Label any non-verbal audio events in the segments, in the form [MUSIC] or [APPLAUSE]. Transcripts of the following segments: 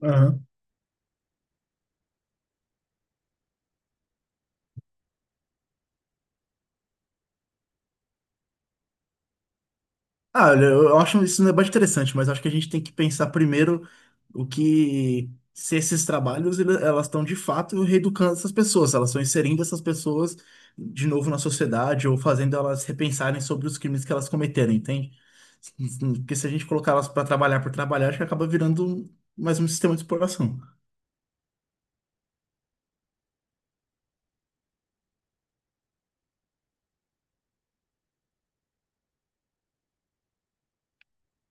Aham. Ah, olha, eu acho isso um debate interessante, mas acho que a gente tem que pensar primeiro o que se esses trabalhos elas estão de fato reeducando essas pessoas, se elas estão inserindo essas pessoas de novo na sociedade ou fazendo elas repensarem sobre os crimes que elas cometeram, entende? Porque se a gente colocar elas para trabalhar por trabalhar, acho que acaba virando mais um sistema de exploração.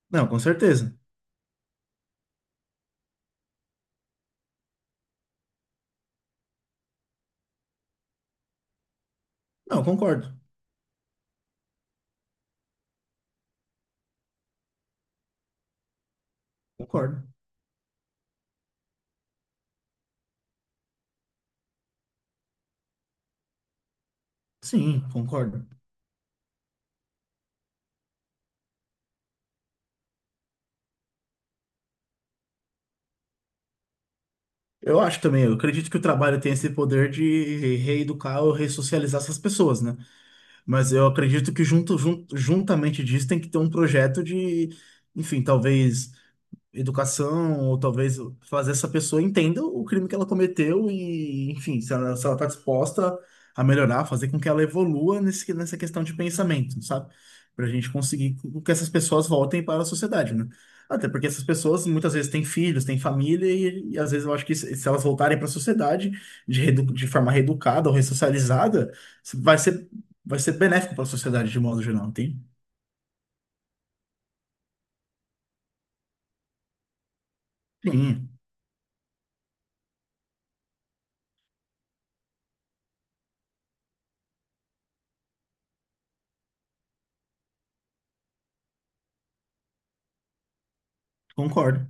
Não, com certeza. Não, concordo. Concordo. Sim, concordo. Eu acho também, eu acredito que o trabalho tem esse poder de reeducar ou ressocializar essas pessoas, né? Mas eu acredito que junto, juntamente disso tem que ter um projeto de, enfim, talvez educação, ou talvez fazer essa pessoa entenda o crime que ela cometeu e, enfim, se ela tá disposta a melhorar, fazer com que ela evolua nessa questão de pensamento, sabe? Pra gente conseguir que essas pessoas voltem para a sociedade, né? Até porque essas pessoas muitas vezes têm filhos, têm família, e às vezes eu acho que se elas voltarem para a sociedade de forma reeducada ou ressocializada, vai ser, vai ser benéfico para a sociedade de modo geral, entende? Sim, concordo.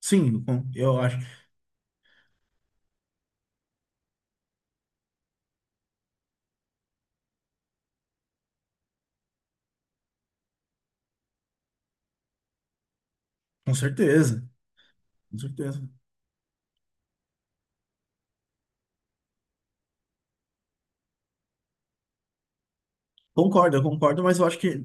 Sim, eu acho, com certeza. Com certeza. Concordo, eu concordo, mas eu acho que,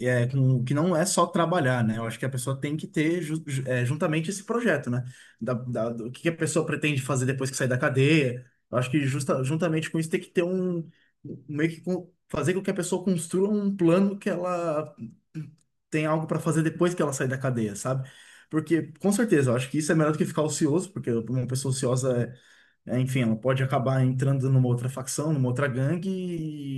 é, que não é só trabalhar, né? Eu acho que a pessoa tem que ter juntamente esse projeto, né? Do que a pessoa pretende fazer depois que sair da cadeia. Eu acho que juntamente com isso tem que ter fazer com que a pessoa construa um plano que ela tem algo para fazer depois que ela sair da cadeia, sabe? Porque, com certeza, eu acho que isso é melhor do que ficar ocioso, porque uma pessoa ociosa é é, enfim, ela pode acabar entrando numa outra facção, numa outra gangue,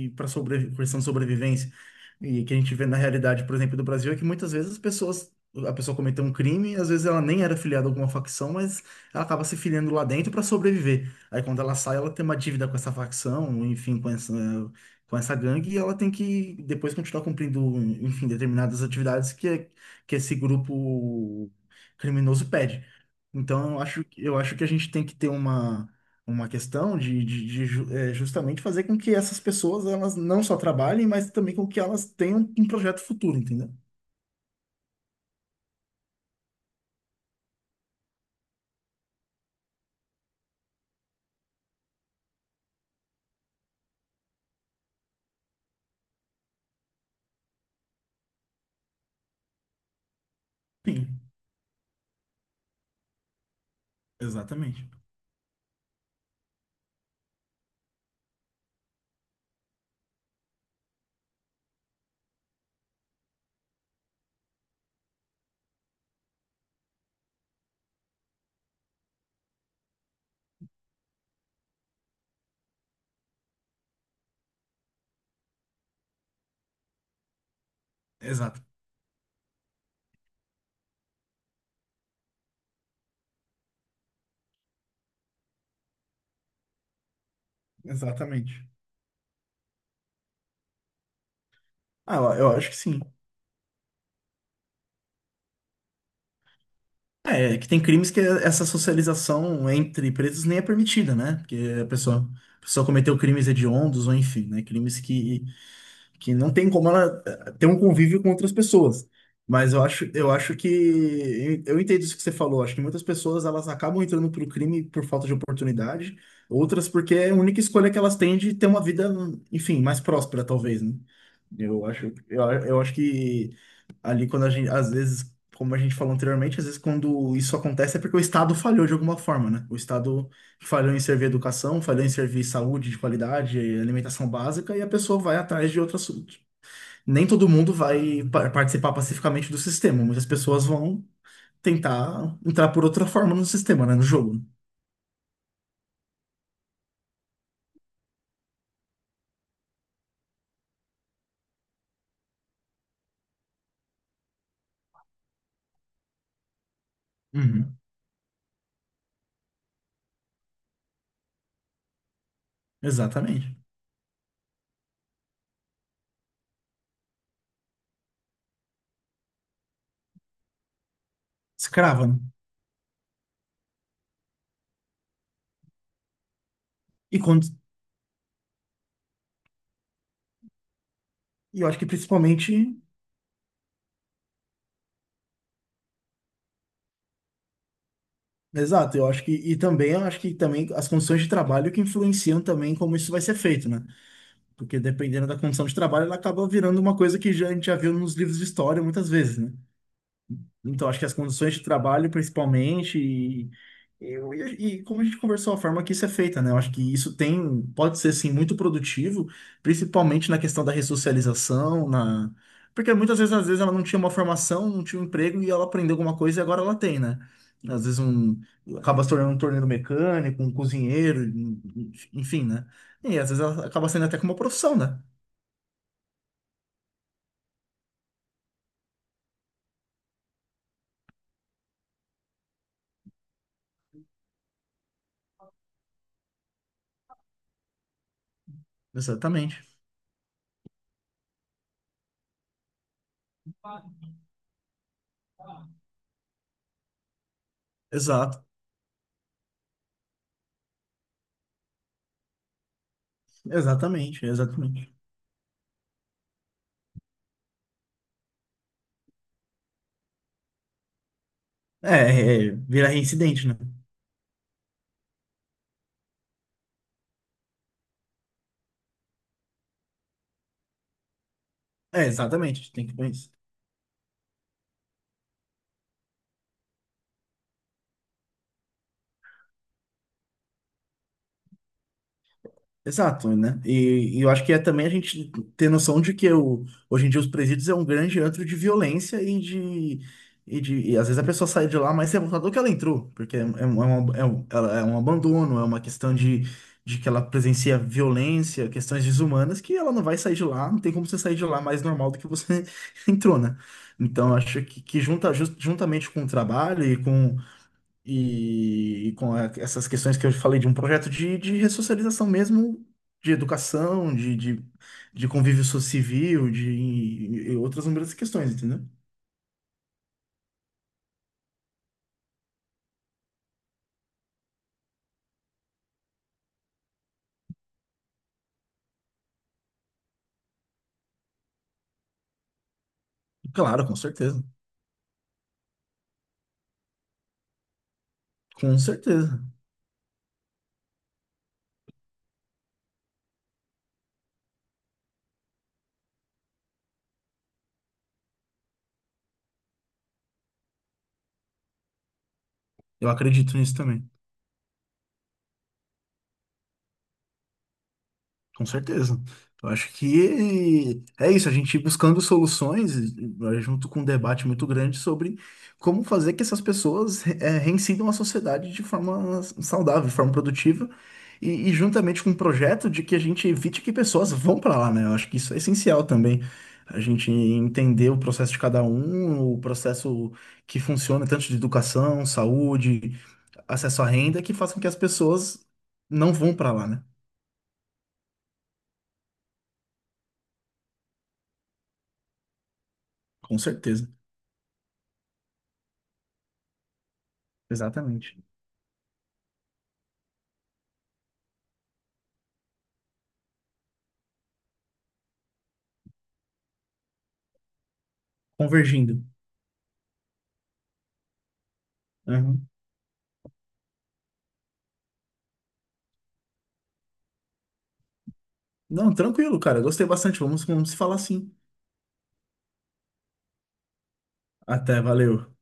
e para questão de sobrevivência. E que a gente vê na realidade, por exemplo, do Brasil, é que muitas vezes a pessoa cometeu um crime, às vezes ela nem era filiada a alguma facção, mas ela acaba se filiando lá dentro para sobreviver. Aí quando ela sai, ela tem uma dívida com essa facção, enfim, com essa gangue, e ela tem que depois continuar cumprindo, enfim, determinadas atividades que esse grupo criminoso pede. Então, eu acho que a gente tem que ter uma questão justamente fazer com que essas pessoas elas não só trabalhem, mas também com que elas tenham um projeto futuro, entendeu? Sim, exatamente. Exato, exatamente. Ah, eu acho que sim. É que tem crimes que essa socialização entre presos nem é permitida, né? Porque a pessoa, a pessoa cometeu crimes hediondos, ou enfim, né? Crimes que não tem como ela ter um convívio com outras pessoas. Mas eu acho que eu entendo isso que você falou. Acho que muitas pessoas elas acabam entrando para o crime por falta de oportunidade, outras porque é a única escolha que elas têm de ter uma vida, enfim, mais próspera, talvez, né? Eu acho que ali quando a gente, às vezes, como a gente falou anteriormente, às vezes quando isso acontece é porque o Estado falhou de alguma forma, né? O Estado falhou em servir educação, falhou em servir saúde de qualidade, alimentação básica, e a pessoa vai atrás de outras. Nem todo mundo vai participar pacificamente do sistema, muitas pessoas vão tentar entrar por outra forma no sistema, né, no jogo. Né? Uhum. Exatamente. Escrava, né? E quando, e eu acho que principalmente, exato, eu acho que também eu acho que também as condições de trabalho que influenciam também como isso vai ser feito, né? Porque dependendo da condição de trabalho, ela acaba virando uma coisa a gente já viu nos livros de história muitas vezes, né? Então, acho que as condições de trabalho, principalmente, e, e como a gente conversou, a forma que isso é feita, né? Eu acho que isso tem, pode ser, sim, muito produtivo, principalmente na questão da ressocialização, na... Porque muitas vezes, às vezes, ela não tinha uma formação, não tinha um emprego, e ela aprendeu alguma coisa e agora ela tem, né? Às vezes, um... acaba se tornando um torneiro mecânico, um cozinheiro, enfim, né? E às vezes ela acaba sendo até como uma profissão, né? Exatamente. Exato. Exatamente, exatamente. É, vira reincidente, né? É, exatamente, a gente tem que pôr isso. Exato, né? E eu acho que é também a gente ter noção de hoje em dia os presídios é um grande antro de violência e de. E às vezes a pessoa sai de lá mais revoltada do que ela entrou, porque é um abandono, é uma questão de que ela presencia violência, questões desumanas, que ela não vai sair de lá, não tem como você sair de lá mais normal do que você [LAUGHS] entrou, né? Então, que juntamente com o trabalho e com essas questões que eu falei de um projeto de ressocialização mesmo, de educação, de convívio civil, de e outras inúmeras questões, entendeu? Claro, com certeza. Com certeza. Eu acredito nisso também. Com certeza. Eu acho que é isso, a gente ir buscando soluções junto com um debate muito grande sobre como fazer que essas pessoas reincidam a sociedade de forma saudável, de forma produtiva, e juntamente com um projeto de que a gente evite que pessoas vão para lá, né? Eu acho que isso é essencial também. A gente entender o processo de cada um, o processo que funciona, tanto de educação, saúde, acesso à renda, que faça com que as pessoas não vão para lá, né? Com certeza. Exatamente. Convergindo. Aham. Não, tranquilo, cara. Gostei bastante. Vamos se falar assim. Até, valeu.